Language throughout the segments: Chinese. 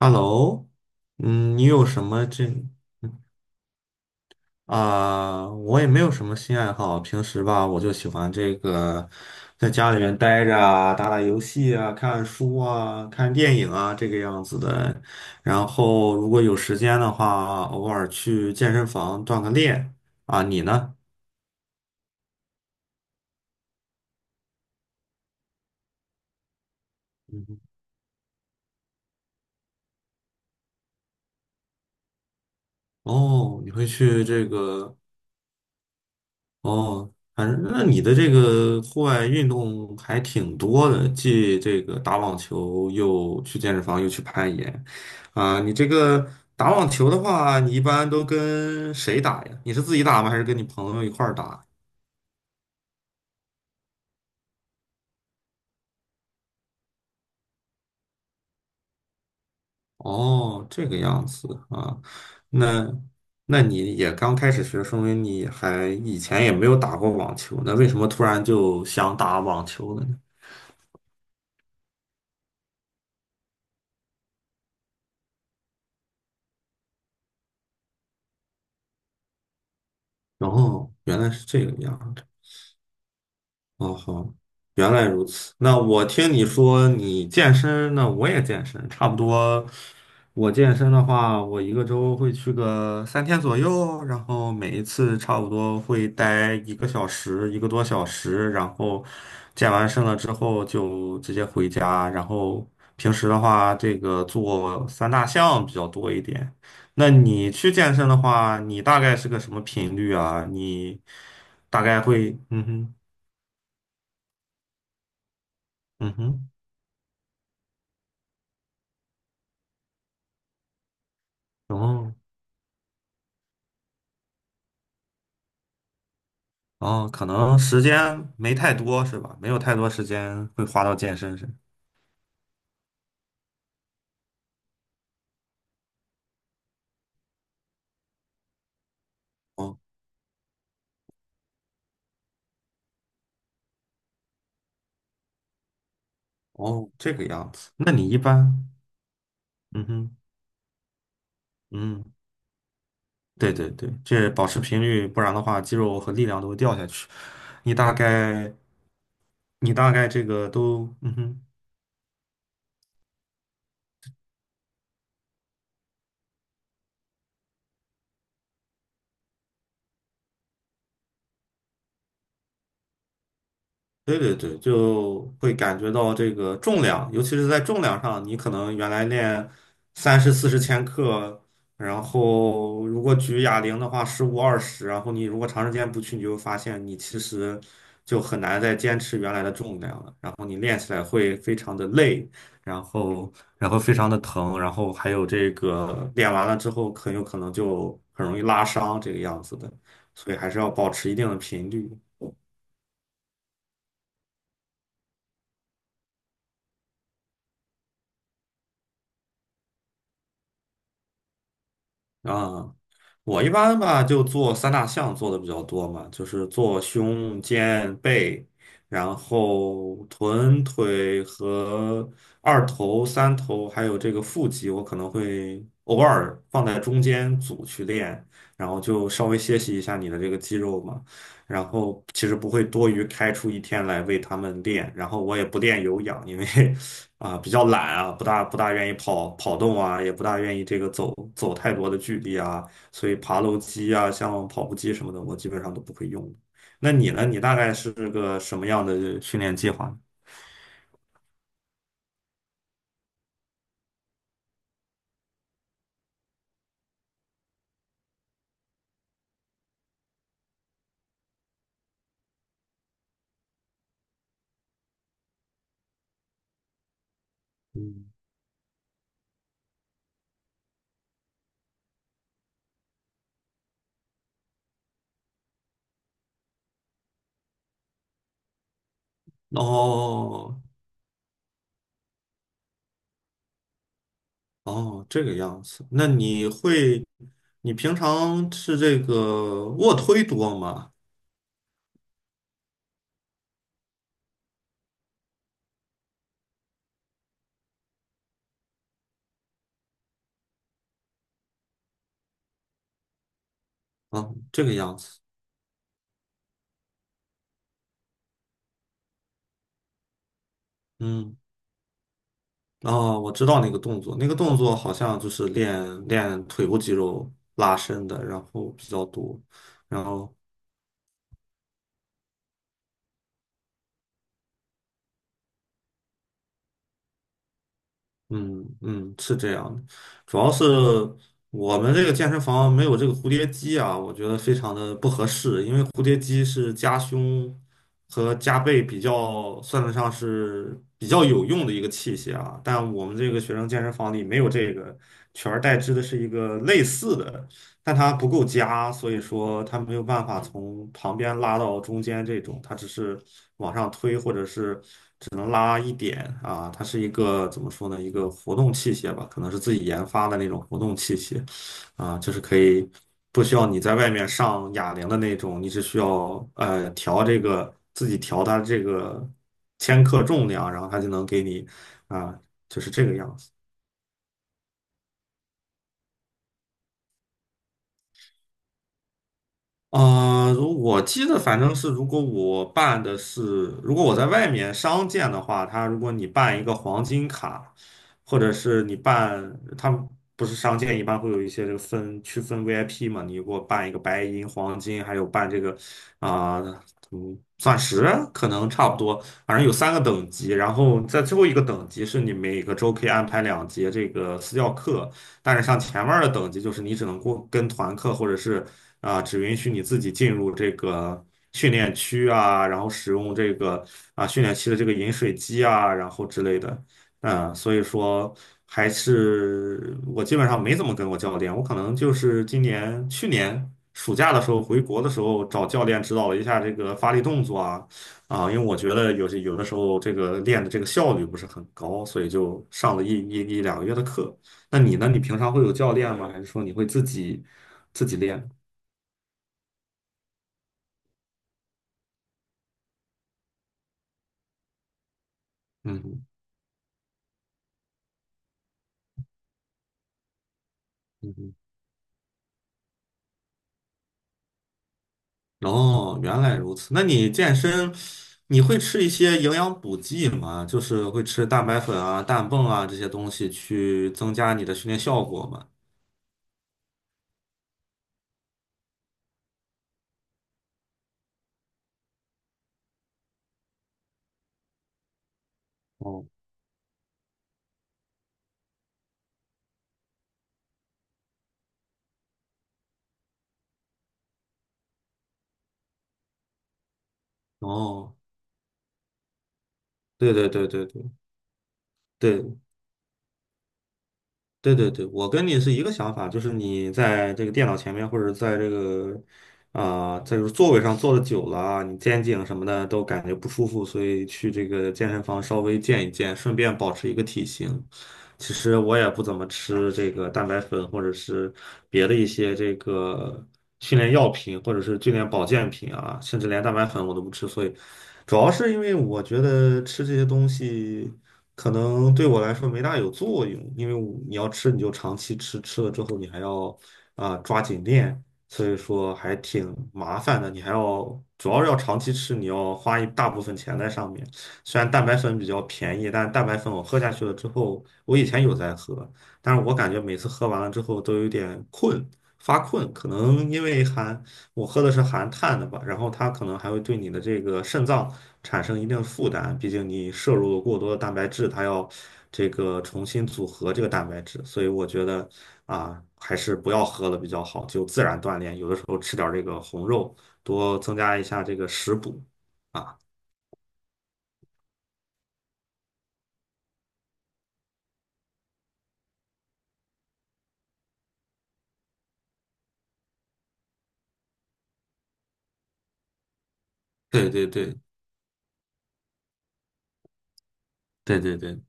Hello，嗯，你有什么这啊、我也没有什么新爱好，平时吧，我就喜欢这个在家里面待着啊，打打游戏啊，看看书啊，看电影啊，这个样子的。然后如果有时间的话，偶尔去健身房锻个炼啊。你呢？嗯，哦，你会去这个？哦，反正那你的这个户外运动还挺多的，既这个打网球，又去健身房，又去攀岩，啊，你这个打网球的话，你一般都跟谁打呀？你是自己打吗？还是跟你朋友一块儿打？哦，这个样子啊，那那你也刚开始学，说明你还以前也没有打过网球，那为什么突然就想打网球了呢？然后原来是这个样哦好，原来如此。那我听你说你健身，那我也健身，差不多。我健身的话，我一个周会去个3天左右，然后每一次差不多会待一个小时，一个多小时，然后健完身了之后就直接回家。然后平时的话，这个做三大项比较多一点。那你去健身的话，你大概是个什么频率啊？你大概会，嗯哼，嗯哼。哦哦，可能时间没太多是吧？没有太多时间会花到健身上。哦哦，这个样子。那你一般，嗯哼，嗯，对对对，这保持频率，不然的话，肌肉和力量都会掉下去。你大概，你大概这个都，嗯哼，对对对，就会感觉到这个重量，尤其是在重量上，你可能原来练30、40千克，然后如果举哑铃的话，15、20，然后你如果长时间不去，你就会发现你其实就很难再坚持原来的重量了，然后你练起来会非常的累，然后非常的疼，然后还有这个练完了之后，很有可能就很容易拉伤这个样子的，所以还是要保持一定的频率。啊，我一般吧就做三大项做的比较多嘛，就是做胸、肩、背，然后臀、腿和二头、三头，还有这个腹肌，我可能会偶尔放在中间组去练，然后就稍微歇息一下你的这个肌肉嘛。然后其实不会多余开出一天来为他们练，然后我也不练有氧，因为 啊，比较懒啊，不大愿意跑跑动啊，也不大愿意这个走走太多的距离啊，所以爬楼机啊，像跑步机什么的，我基本上都不会用。那你呢？你大概是个什么样的训练计划呢嗯，哦哦，这个样子。那你会，你平常是这个卧推多吗？啊，这个样子。嗯。哦，我知道那个动作，那个动作好像就是练练腿部肌肉拉伸的，然后比较多，然后嗯嗯，是这样的，主要是我们这个健身房没有这个蝴蝶机啊，我觉得非常的不合适，因为蝴蝶机是夹胸和夹背比较算得上是比较有用的一个器械啊，但我们这个学生健身房里没有这个，取而代之的是一个类似的，但它不够夹，所以说它没有办法从旁边拉到中间这种，它只是往上推或者是只能拉一点啊，它是一个怎么说呢？一个活动器械吧，可能是自己研发的那种活动器械，啊，就是可以不需要你在外面上哑铃的那种，你只需要调这个自己调它这个千克重量，然后它就能给你啊，就是这个样子。啊，如我记得反正是，如果我在外面商店的话，如果你办一个黄金卡，或者是你办，他们不是商店一般会有一些这个分区分 VIP 嘛，你给我办一个白银、黄金，还有办这个啊、嗯，钻石啊，可能差不多，反正有三个等级，然后在最后一个等级是你每个周可以安排两节这个私教课，但是像前面的等级，就是你只能过跟团课，或者是啊、只允许你自己进入这个训练区啊，然后使用这个啊、训练期的这个饮水机啊，然后之类的。嗯，所以说还是我基本上没怎么跟过教练，我可能就是今年去年暑假的时候回国的时候找教练指导了一下这个发力动作啊啊，因为我觉得有的时候这个练的这个效率不是很高，所以就上了一一一2个月的课。那你呢？你平常会有教练吗？还是说你会自己练？嗯嗯嗯哼，哦，原来如此。那你健身，你会吃一些营养补剂吗？就是会吃蛋白粉啊、氮泵啊这些东西去增加你的训练效果吗？哦哦，对对对对对对，对对对，我跟你是一个想法，就是你在这个电脑前面或者在这个啊、在这个座位上坐的久了啊，你肩颈什么的都感觉不舒服，所以去这个健身房稍微健一健，顺便保持一个体型。其实我也不怎么吃这个蛋白粉或者是别的一些这个训练药品或者是训练保健品啊，甚至连蛋白粉我都不吃，所以主要是因为我觉得吃这些东西可能对我来说没大有作用，因为我你要吃你就长期吃，吃了之后你还要啊、抓紧练，所以说还挺麻烦的。你还要主要是要长期吃，你要花一大部分钱在上面。虽然蛋白粉比较便宜，但蛋白粉我喝下去了之后，我以前有在喝，但是我感觉每次喝完了之后都有点困，发困，可能因为含我喝的是含碳的吧，然后它可能还会对你的这个肾脏产生一定的负担，毕竟你摄入了过多的蛋白质，它要这个重新组合这个蛋白质，所以我觉得啊，还是不要喝了比较好，就自然锻炼，有的时候吃点儿这个红肉，多增加一下这个食补啊。对对对对对对，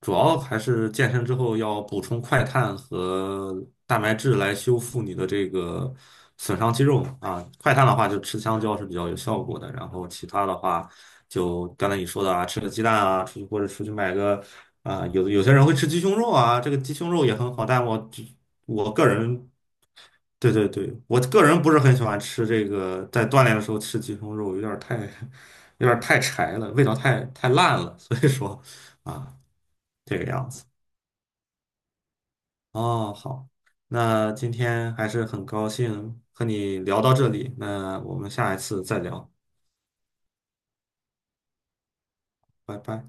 主要还是健身之后要补充快碳和蛋白质来修复你的这个损伤肌肉嘛啊。快碳的话，就吃香蕉是比较有效果的，然后其他的话，就刚才你说的啊，吃个鸡蛋啊，出去或者出去买个啊，有些人会吃鸡胸肉啊，这个鸡胸肉也很好，但我只我个人，对对对，我个人不是很喜欢吃这个，在锻炼的时候吃鸡胸肉有点儿太 有点儿太柴了，味道太烂了，所以说啊，这个样子。哦，好，那今天还是很高兴和你聊到这里，那我们下一次再聊，拜拜。